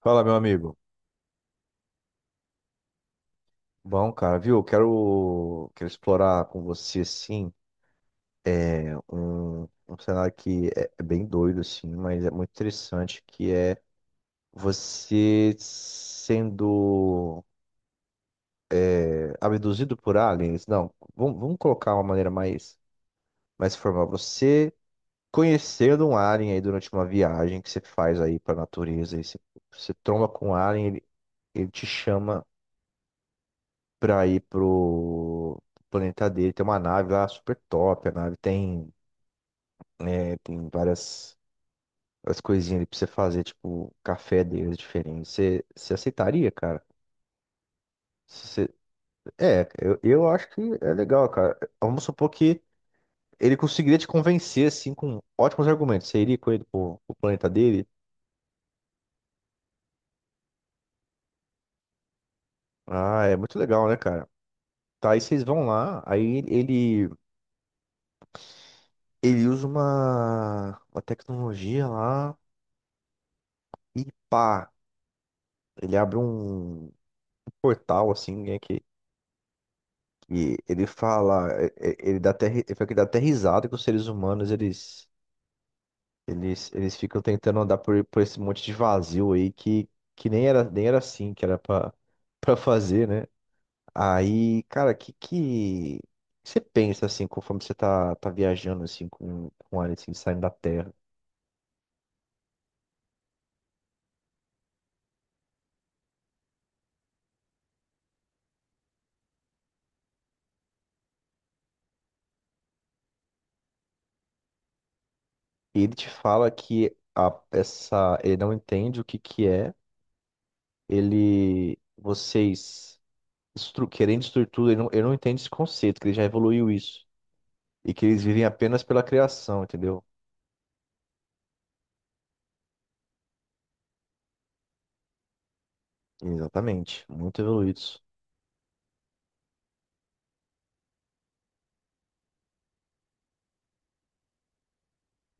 Fala, meu amigo. Bom, cara, viu? Quero explorar com você, assim, um cenário que é bem doido, assim, mas é muito interessante, que é você sendo abduzido por aliens. Não, vamos colocar uma maneira mais formal. Você conhecendo um alien aí durante uma viagem que você faz aí pra natureza, e você tromba com um alien, ele te chama pra ir pro planeta dele. Tem uma nave lá super top. A nave tem, né, tem várias coisinhas ali pra você fazer, tipo, café deles diferente. Você aceitaria, cara? Se Você, eu acho que é legal, cara. Vamos supor que ele conseguiria te convencer, assim, com ótimos argumentos. Você iria com ele pro planeta dele? Ah, é muito legal, né, cara? Tá, aí vocês vão lá, aí ele usa uma tecnologia lá e pá. Ele abre um portal, assim, né, que ele fala, ele dá até, ele fala que dá até risada que os seres humanos, eles, eles ficam tentando andar por esse monte de vazio aí que nem era, nem era assim que era pra, pra fazer, né? Aí, cara, que você pensa, assim, conforme você tá viajando, assim, com ele, assim, saindo da Terra? E ele te fala que ele não entende o que que é, ele, vocês... querendo destruir tudo, eu não entendo esse conceito, que ele já evoluiu isso. E que eles vivem apenas pela criação, entendeu? Exatamente, muito evoluídos.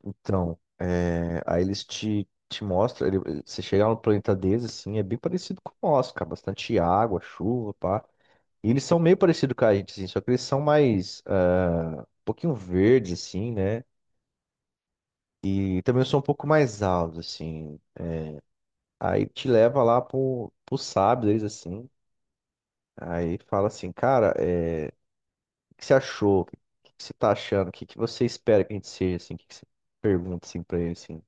Então, é, aí eles te mostram, você chegar no planeta deles, assim, é bem parecido com o nosso, cara, bastante água, chuva, pá. E eles são meio parecidos com a gente, assim, só que eles são mais, ah, um pouquinho verdes, assim, né? E também são um pouco mais altos, assim. Aí te leva lá pro sábio deles, assim. Aí fala assim, cara, é. Que você achou? O que que você tá achando? O que que você espera que a gente seja, assim? O que que você pergunta, assim, pra ele, assim?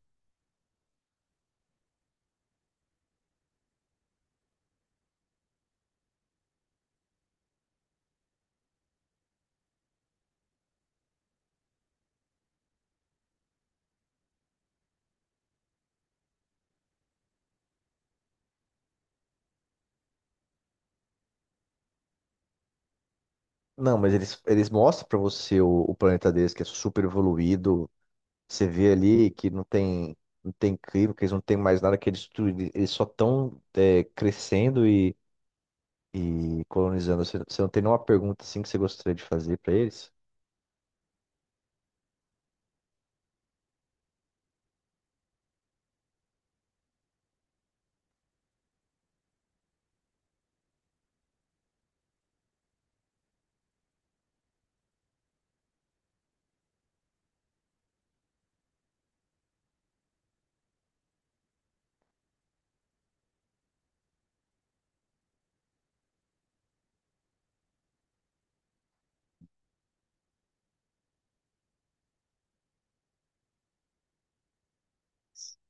Não, mas eles mostram pra você o planeta deles, que é super evoluído. Você vê ali que não tem, não tem clima, que eles não têm mais nada que eles destruir. Eles só estão crescendo e colonizando. Você não tem nenhuma pergunta, assim, que você gostaria de fazer pra eles?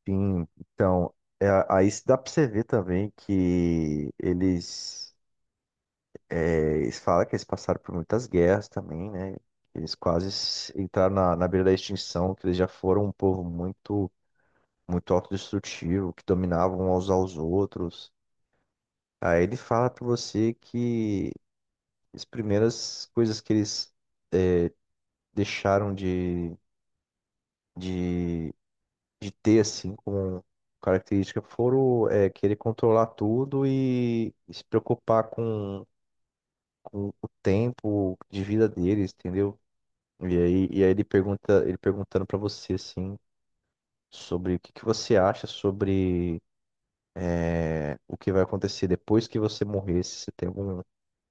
Sim, então, é, aí dá pra você ver também que eles... É, eles falam que eles passaram por muitas guerras também, né? Eles quase entraram na beira da extinção, que eles já foram um povo muito autodestrutivo, que dominavam uns aos outros. Aí ele fala pra você que as primeiras coisas que eles deixaram de, de ter, assim, como característica, foram é, querer controlar tudo e se preocupar com o tempo de vida deles, entendeu? E aí ele pergunta, ele perguntando pra você assim sobre o que que você acha sobre é, o que vai acontecer depois que você morrer, se você tem algum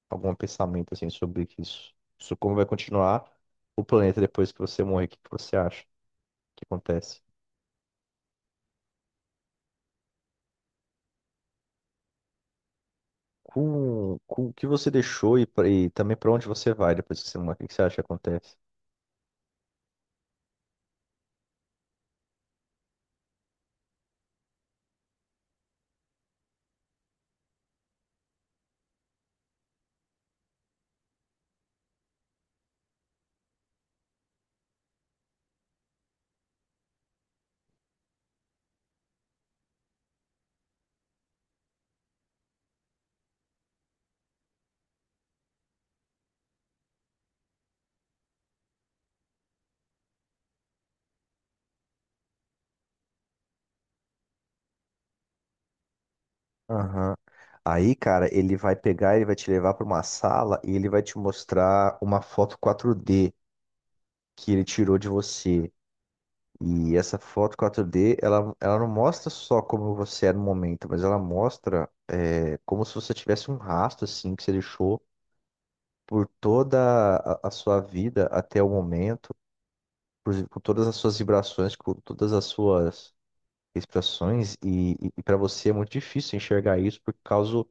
algum pensamento assim sobre isso, sobre como vai continuar o planeta depois que você morrer, o que que você acha que acontece? Com o que você deixou e também pra onde você vai depois que você morrer, o que que você acha que acontece? Aham. Aí, cara, ele vai te levar pra uma sala e ele vai te mostrar uma foto 4D que ele tirou de você. E essa foto 4D, ela não mostra só como você é no momento, mas ela mostra é, como se você tivesse um rastro, assim, que você deixou por toda a sua vida até o momento, por todas as suas vibrações, com todas as suas expressões, e, para você é muito difícil enxergar isso por causa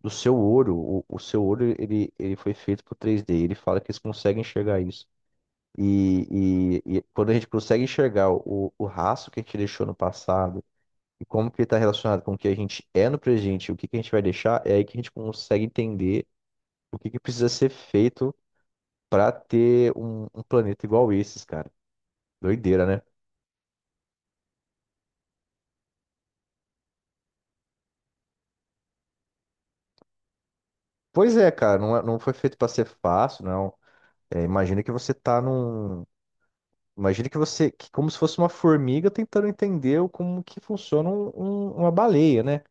do seu olho. O seu olho, ele foi feito pro 3D, ele fala que eles conseguem enxergar isso. E, e quando a gente consegue enxergar o rastro que a gente deixou no passado, e como que ele está relacionado com o que a gente é no presente e o que que a gente vai deixar, é aí que a gente consegue entender o que que precisa ser feito para ter um planeta igual esses, cara. Doideira, né? Pois é, cara, não, não foi feito para ser fácil, não. É, imagina que você tá num. Imagina que você. Que como se fosse uma formiga tentando entender como que funciona uma baleia, né?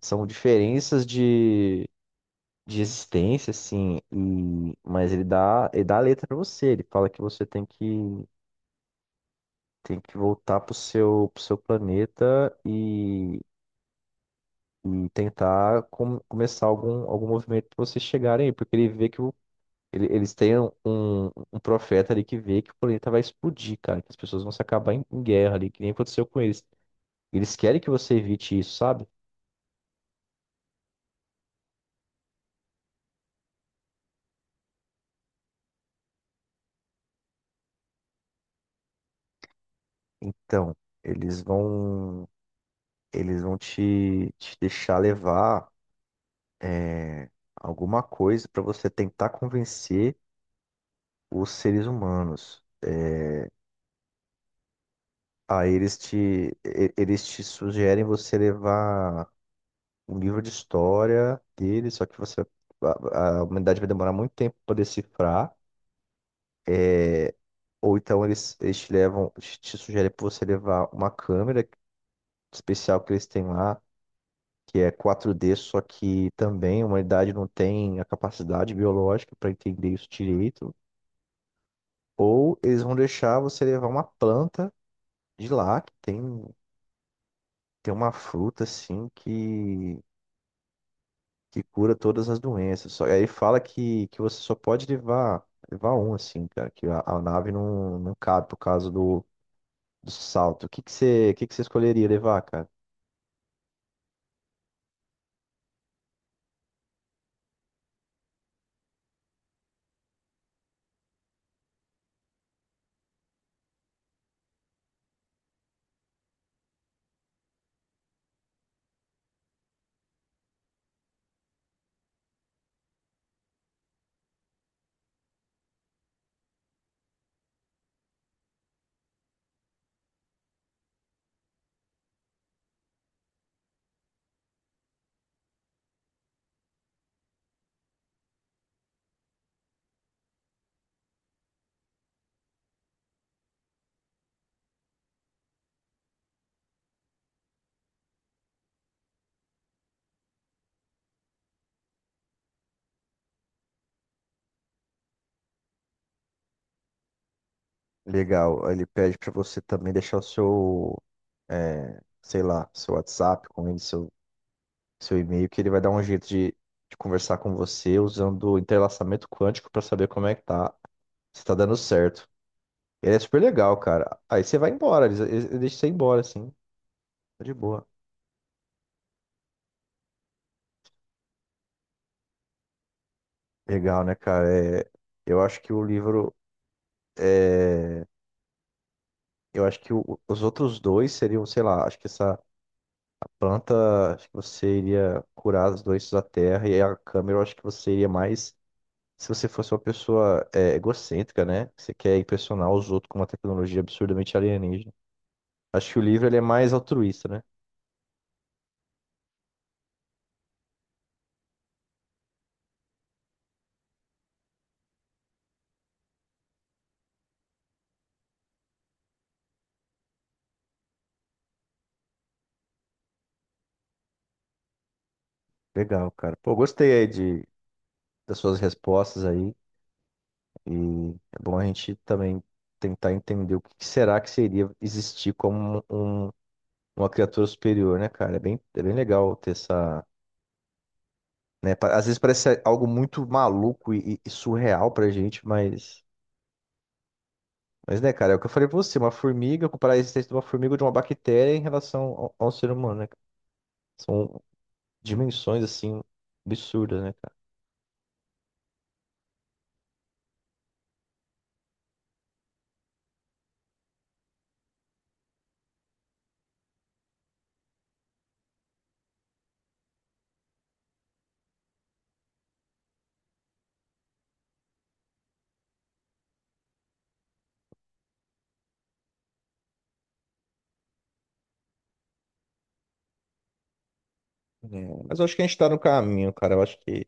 São diferenças de. De existência, assim, e... mas ele dá a letra para você. Ele fala que você tem que tem que voltar pro seu planeta e tentar começar algum movimento para vocês chegarem aí, porque ele vê que eles têm um profeta ali que vê que o planeta vai explodir, cara, que as pessoas vão se acabar em guerra ali, que nem aconteceu com eles. Eles querem que você evite isso, sabe? Então, eles vão, eles vão te deixar levar é, alguma coisa para você tentar convencer os seres humanos. Aí eles te sugerem você levar um livro de história dele, só que você, a humanidade vai demorar muito tempo para decifrar. É, ou então eles te levam, te sugerem para você levar uma câmera especial que eles têm lá, que é quatro d só que também a humanidade não tem a capacidade biológica para entender isso direito. Ou eles vão deixar você levar uma planta de lá, que tem, tem uma fruta assim que cura todas as doenças. Só, aí fala que você só pode levar um, assim, cara, que a nave não cabe por causa do, do salto. O que que que você escolheria levar, cara? Legal. Aí Ele pede pra você também deixar o seu, é, sei lá, seu WhatsApp com ele, seu, seu e-mail, que ele vai dar um jeito de conversar com você usando o entrelaçamento quântico pra saber como é que tá, se tá dando certo. Ele é super legal, cara. Aí você vai embora, ele deixa você ir embora, assim. Tá de boa. Legal, né, cara? É, eu acho que o livro. É, eu acho que os outros dois seriam, sei lá, acho que essa planta, acho que você iria curar as doenças da terra, e a câmera, eu acho que você iria mais. Se você fosse uma pessoa é, egocêntrica, né? Você quer impressionar os outros com uma tecnologia absurdamente alienígena. Acho que o livro ele é mais altruísta, né? Legal, cara. Pô, gostei aí de, das suas respostas aí. E é bom a gente também tentar entender o que que será que seria existir como um uma criatura superior, né, cara? É bem legal ter essa. Né? Às vezes parece algo muito maluco e, e surreal pra gente, mas. Mas, né, cara, é o que eu falei pra você, uma formiga, comparar a existência de uma formiga ou de uma bactéria em relação ao ser humano, né? cara? São dimensões, assim, absurdas, né, cara? É, mas eu acho que a gente tá no caminho, cara. Eu acho que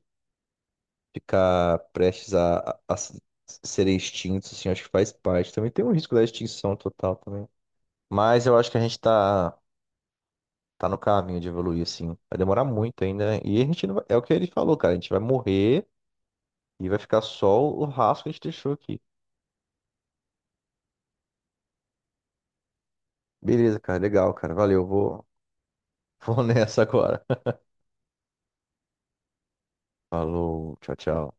ficar prestes serem extintos, assim, eu acho que faz parte. Também tem um risco da extinção total também. Mas eu acho que a gente tá. tá no caminho de evoluir, assim. Vai demorar muito ainda, né? E a gente não vai... É o que ele falou, cara. A gente vai morrer e vai ficar só o rastro que a gente deixou aqui. Beleza, cara. Legal, cara. Valeu. Vou, vou nessa agora. Falou. Tchau, tchau.